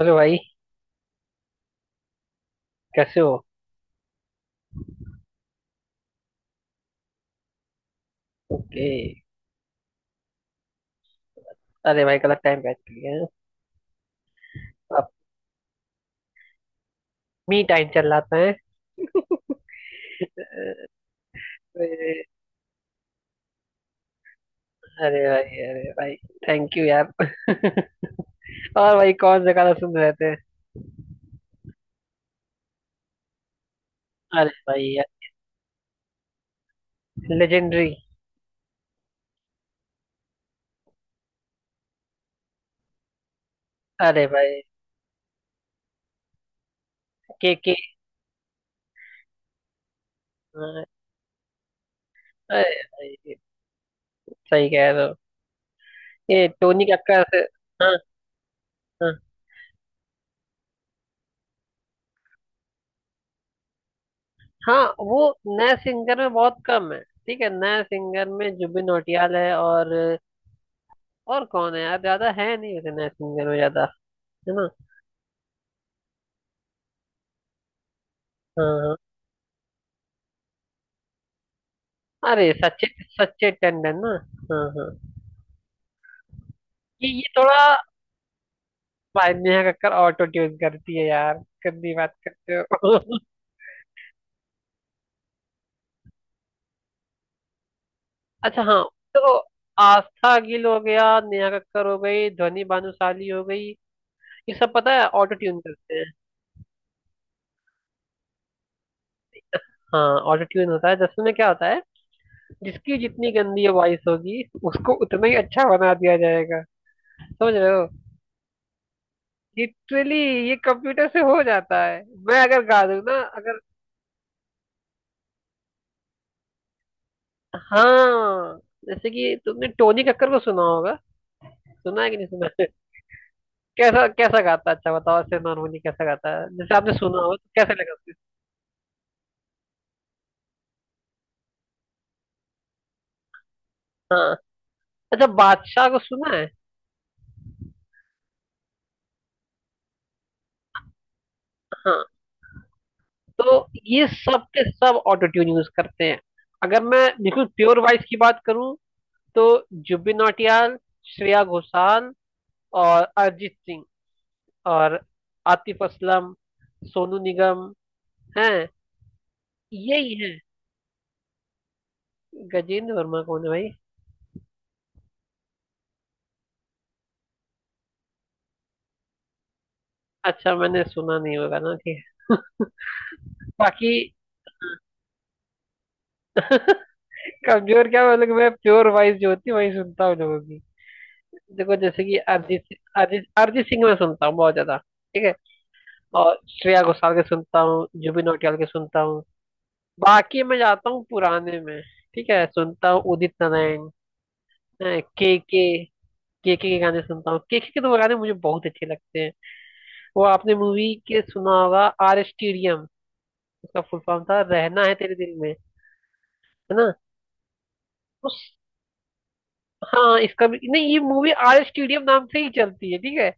Hello भाई, कैसे हो? ओके। अरे भाई गलत टाइम बैठ गया है। अब मी टाइम चल रहा है। अरे, अरे भाई, अरे भाई, थैंक यू यार। और भाई कौन सा गाना सुन रहे थे? अरे भाई, यार लेजेंडरी। अरे भाई, के के। अरे भाई सही कह रहे हो। ये टोनी कक्कर से। हाँ। हाँ। हाँ वो नए सिंगर में बहुत कम है। ठीक है, नए सिंगर में जुबिन नौटियाल है। और कौन है यार, ज्यादा है नहीं वैसे, नए सिंगर में ज्यादा है ना। हाँ। अरे सचिन, सचिन टंडन ना। हाँ हाँ। ये थोड़ा, भाई नेहा कक्कड़ ऑटो ट्यून करती है यार, गंदी बात करते हो। अच्छा हाँ। तो आस्था गिल हो गया, नेहा कक्कड़ हो गई, ध्वनि भानुशाली हो गई। ये सब पता है ऑटो ट्यून करते हैं। हाँ ऑटो ट्यून होता है। दरअसल में क्या होता है, जिसकी जितनी गंदी वॉइस होगी, उसको उतना ही अच्छा बना दिया जाएगा। समझ रहे हो? लिटरली ये कंप्यूटर से हो जाता है। मैं अगर गा दूं ना, अगर। हाँ जैसे कि तुमने टोनी कक्कर को सुना होगा, सुना है कि नहीं सुना है। कैसा, कैसा गाता है? अच्छा बताओ ऐसे नॉर्मली कैसा गाता है, जैसे आपने सुना हो तो कैसे लगा उसके। हाँ अच्छा, बादशाह को सुना है? हाँ। तो ये सब के सब ऑटो ट्यून यूज करते हैं। अगर मैं बिल्कुल प्योर वॉइस की बात करूं तो जुबिन नौटियाल, श्रेया घोषाल, और अरिजीत सिंह, और आतिफ असलम, सोनू निगम हैं। यही है। गजेंद्र वर्मा कौन है भाई? अच्छा, मैंने सुना नहीं होगा ना, ठीक है। बाकी। कमजोर क्या मतलब, मैं प्योर वॉइस जो होती है वही सुनता हूँ लोगों की। देखो जैसे कि अरिजीत सिंह मैं सुनता हूँ बहुत ज्यादा। ठीक है। और श्रेया घोषाल के सुनता हूँ, जुबिन नौटियाल के सुनता हूँ। बाकी मैं जाता हूँ पुराने में। ठीक है, सुनता हूँ उदित नारायण, के के के के के गाने सुनता हूँ, के तो गाने मुझे बहुत अच्छे लगते हैं। वो आपने मूवी के सुना होगा, आर स्टेडियम। उसका फुल फॉर्म था रहना है तेरे दिल में, है ना? उस, हाँ इसका भी नहीं, ये मूवी आर स्टेडियम नाम से ही चलती है, ठीक है।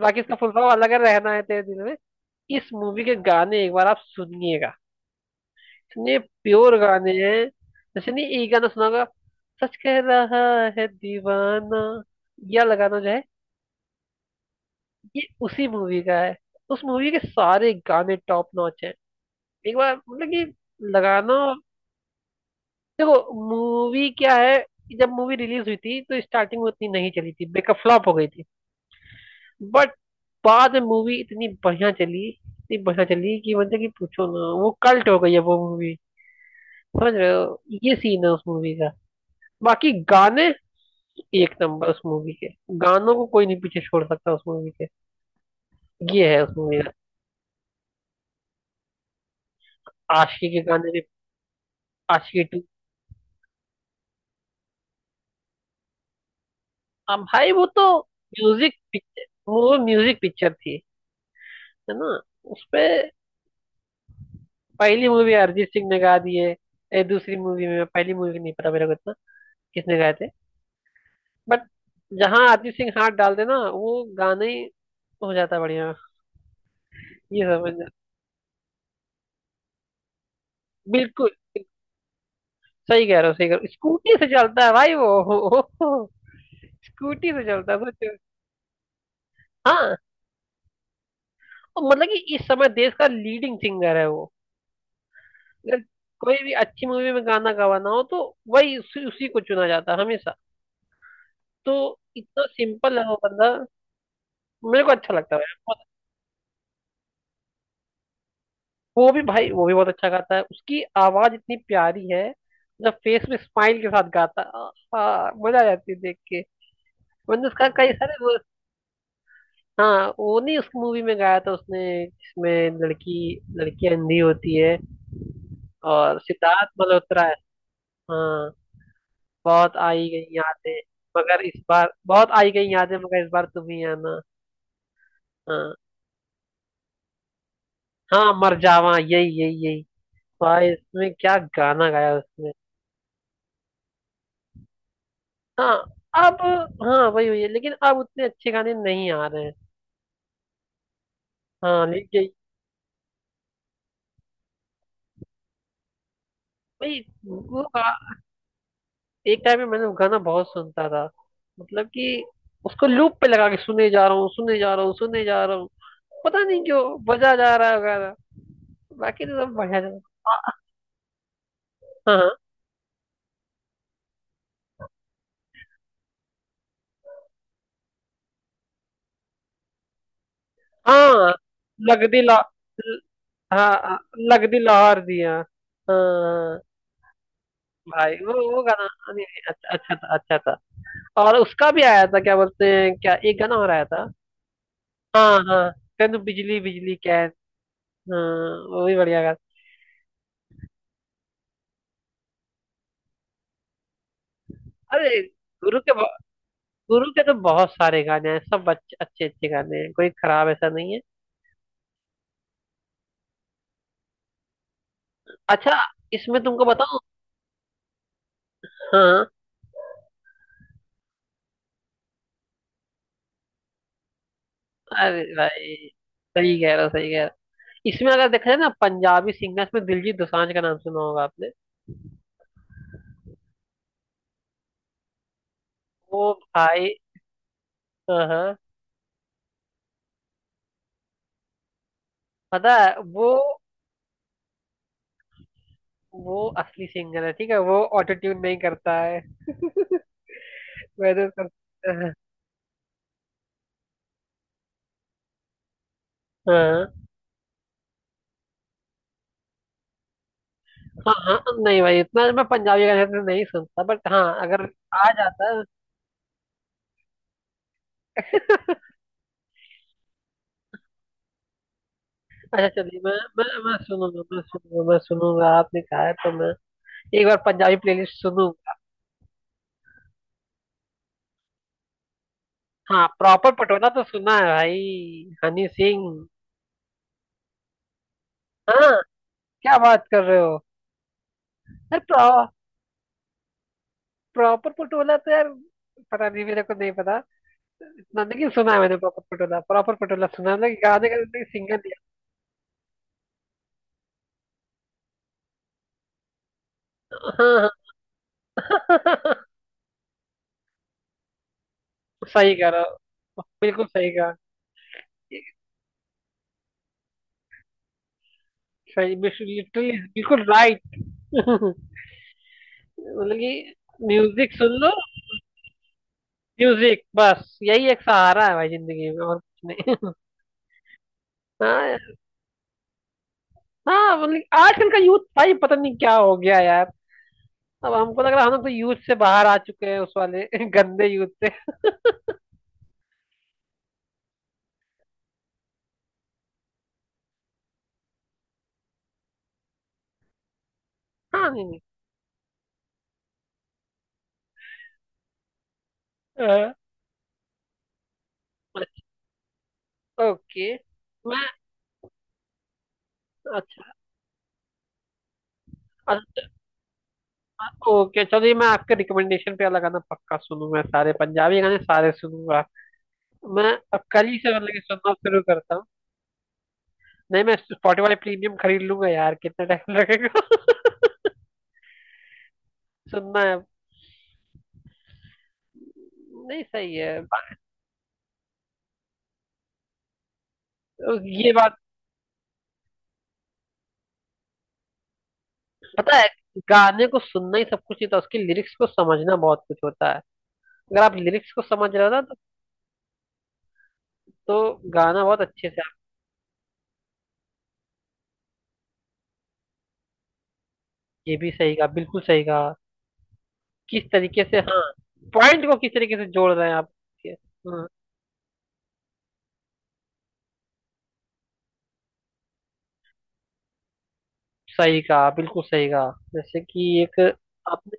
बाकी इसका फुल फॉर्म अलग है, रहना है तेरे दिल में। इस मूवी के गाने एक बार आप सुनिएगा, इतने प्योर गाने हैं। जैसे नहीं एक गाना सुना होगा, सच कह रहा है दीवाना, यह लगाना जो है, ये उसी मूवी का है। उस मूवी के सारे गाने टॉप नॉच हैं। एक बार मतलब कि लगाना। देखो मूवी क्या है, जब मूवी रिलीज हुई थी तो स्टार्टिंग में उतनी नहीं चली थी, बेकफ्लॉप हो गई थी। बट बाद में मूवी इतनी बढ़िया चली, इतनी बढ़िया चली कि मतलब कि पूछो ना, वो कल्ट हो गई है वो मूवी। समझ रहे हो, ये सीन है उस मूवी का। बाकी गाने एक नंबर, उस मूवी के गानों को कोई नहीं पीछे छोड़ सकता। उस मूवी के, ये है उस मूवी का। आशिकी के गाने भी, आशिकी टू। अब भाई वो तो म्यूजिक पिक्चर, वो म्यूजिक पिक्चर थी, है ना? उसपे पहली मूवी अरिजीत सिंह ने गा दी है। ए, दूसरी मूवी में, पहली मूवी नहीं पता मेरे को इतना, किसने गाए थे। बट जहाँ अरिजीत सिंह हाथ डाल देना, वो गाना ही हो जाता है बढ़िया। ये समझ जा- बिल्कुल, सही कह रहे हो, सही कह रहे हो। स्कूटी से चलता है भाई वो। स्कूटी से चलता है, सोचो। हाँ और मतलब कि इस समय देश का लीडिंग सिंगर है वो। अगर कोई भी अच्छी मूवी में गाना गवाना हो तो वही, उसी को चुना जाता है हमेशा। तो इतना सिंपल है वो बंदा, मेरे को अच्छा लगता है। वो भी भाई, वो भी बहुत अच्छा गाता है, उसकी आवाज इतनी प्यारी है। जब फेस में स्माइल के साथ गाता है, आ, आ, मजा आ जाती है देख के। मैंने उसका कई सारे वो, हाँ वो नहीं उस मूवी में गाया था उसने, जिसमें लड़की, लड़की अंधी होती है, और सिद्धार्थ मल्होत्रा है। हाँ बहुत आई गई यादें, मगर इस बार बहुत आई गई यादें, मगर इस बार तुम ही आना। हाँ हाँ, मर जावा, यही यही यही। भाई इसमें क्या गाना गाया उसने? हाँ, अब, हाँ वही हुई है लेकिन अब उतने अच्छे गाने नहीं आ रहे हैं। हाँ लेकिन भाई वो गा- एक टाइम में मैंने वो गाना बहुत सुनता था, मतलब कि उसको लूप पे लगा के सुने जा रहा हूँ, सुने जा रहा हूँ, सुने जा रहा हूँ। पता नहीं क्यों बजा जा रहा है गाना। बाकी तो सब बढ़िया था। हाँ, हाँ हाँ, लग दिला, हाँ लग दिला हार दिया। हाँ भाई वो गाना, नहीं नहीं, अच्छा, अच्छा था, अच्छा था। और उसका भी आया था, क्या बोलते हैं, क्या एक गाना और आया था। हाँ हाँ, तनु बिजली बिजली कैन। हाँ वो भी बढ़िया गाना। अरे गुरु के बहु- गुरु के तो बहुत सारे गाने हैं, सब अच्छे अच्छे अच्छे गाने हैं, कोई खराब ऐसा नहीं है। अच्छा, इसमें तुमको बताऊं। हाँ। अरे भाई, सही कह रहे हो, सही कह रहे हो। इसमें अगर देखा जाए ना, पंजाबी सिंगर्स में दिलजीत दोसांझ का नाम सुना होगा आपने? वो भाई, हाँ हाँ। पता है वो असली सिंगर है, ठीक है, वो ऑटो ट्यून नहीं करता है। वैसे कर, हाँ हाँ। हाँ हाँ नहीं भाई इतना मैं पंजाबी गाने तो नहीं सुनता, बट हाँ अगर आ जाता है। अच्छा चलिए, मैं सुनूंगा आपने कहा है तो मैं एक बार पंजाबी प्लेलिस्ट सुनूंगा। हाँ प्रॉपर पटोला तो सुना है भाई, हनी सिंह। हाँ क्या बात कर रहे हो। अरे प्रॉपर पटोला तो यार, पता नहीं मेरे को, नहीं पता इतना, लेकिन सुना है मैंने प्रॉपर पटोला, प्रॉपर पटोला सुना है, लेकिन गाने का सिंगर दिया। हाँ हाँ। सही कह रहा हो, बिल्कुल सही कहा, सही। लिटरली, बिल्कुल राइट। मतलब कि म्यूजिक सुन लो, म्यूजिक बस यही एक सहारा है भाई, जिंदगी में और कुछ नहीं। हाँ यार, हाँ मतलब कि आजकल का यूथ, भाई पता नहीं क्या हो गया यार। अब हमको लग रहा है हम तो यूथ से बाहर आ चुके हैं, उस वाले गंदे यूथ से। हाँ, नहीं नहीं, ओके, मैं, अच्छा अच्छा, ओके चलिए, मैं आपके रिकमेंडेशन पे लगाना पक्का सुनूंगा, सारे पंजाबी गाने सारे सुनूंगा। मैं अब कल ही से मतलब कि सुनना शुरू करता हूँ। नहीं मैं स्पॉटिफाई प्रीमियम खरीद लूंगा यार, कितना टाइम लगेगा। सुनना है अब। नहीं सही है। ये बात पता है, गाने को सुनना ही सब कुछ नहीं था, उसकी लिरिक्स को समझना बहुत कुछ होता है। अगर आप लिरिक्स को समझ रहे हो ना तो गाना बहुत अच्छे से आप। ये भी सही कहा, बिल्कुल सही कहा। किस तरीके से, हाँ, पॉइंट को किस तरीके से जोड़ रहे हैं आप। ये, हाँ, सही कहा बिल्कुल सही कहा। जैसे कि एक आपने,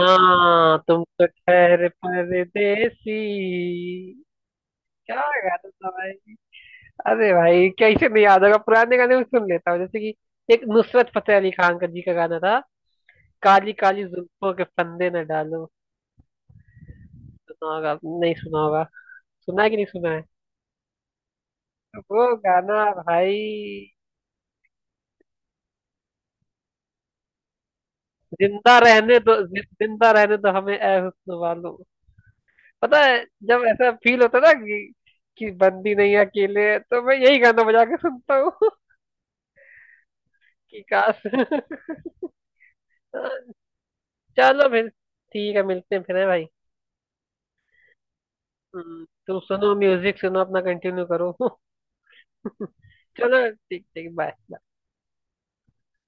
हाँ तुम तो ठहर परदेसी। क्या गाना था भाई। अरे भाई कैसे नहीं याद होगा, पुराने गाने भी सुन लेता हूँ जैसे कि एक नुसरत फतेह अली खान का जी का गाना था, काली काली जुल्फों के फंदे न डालो। सुना होगा, नहीं सुना होगा? सुना है कि नहीं सुना है? वो गाना भाई, जिंदा रहने दो, जि- जिंदा रहने दो हमें ए हुस्न वालो। पता है जब ऐसा फील होता है ना कि बंदी नहीं है अकेले, तो मैं यही गाना बजा के सुनता हूँ। कि काश। चलो फिर, ठीक है, मिलते हैं फिर हैं भाई। तुम सुनो, म्यूजिक सुनो, अपना कंटिन्यू करो। चलो ठीक, ठीक, बाय।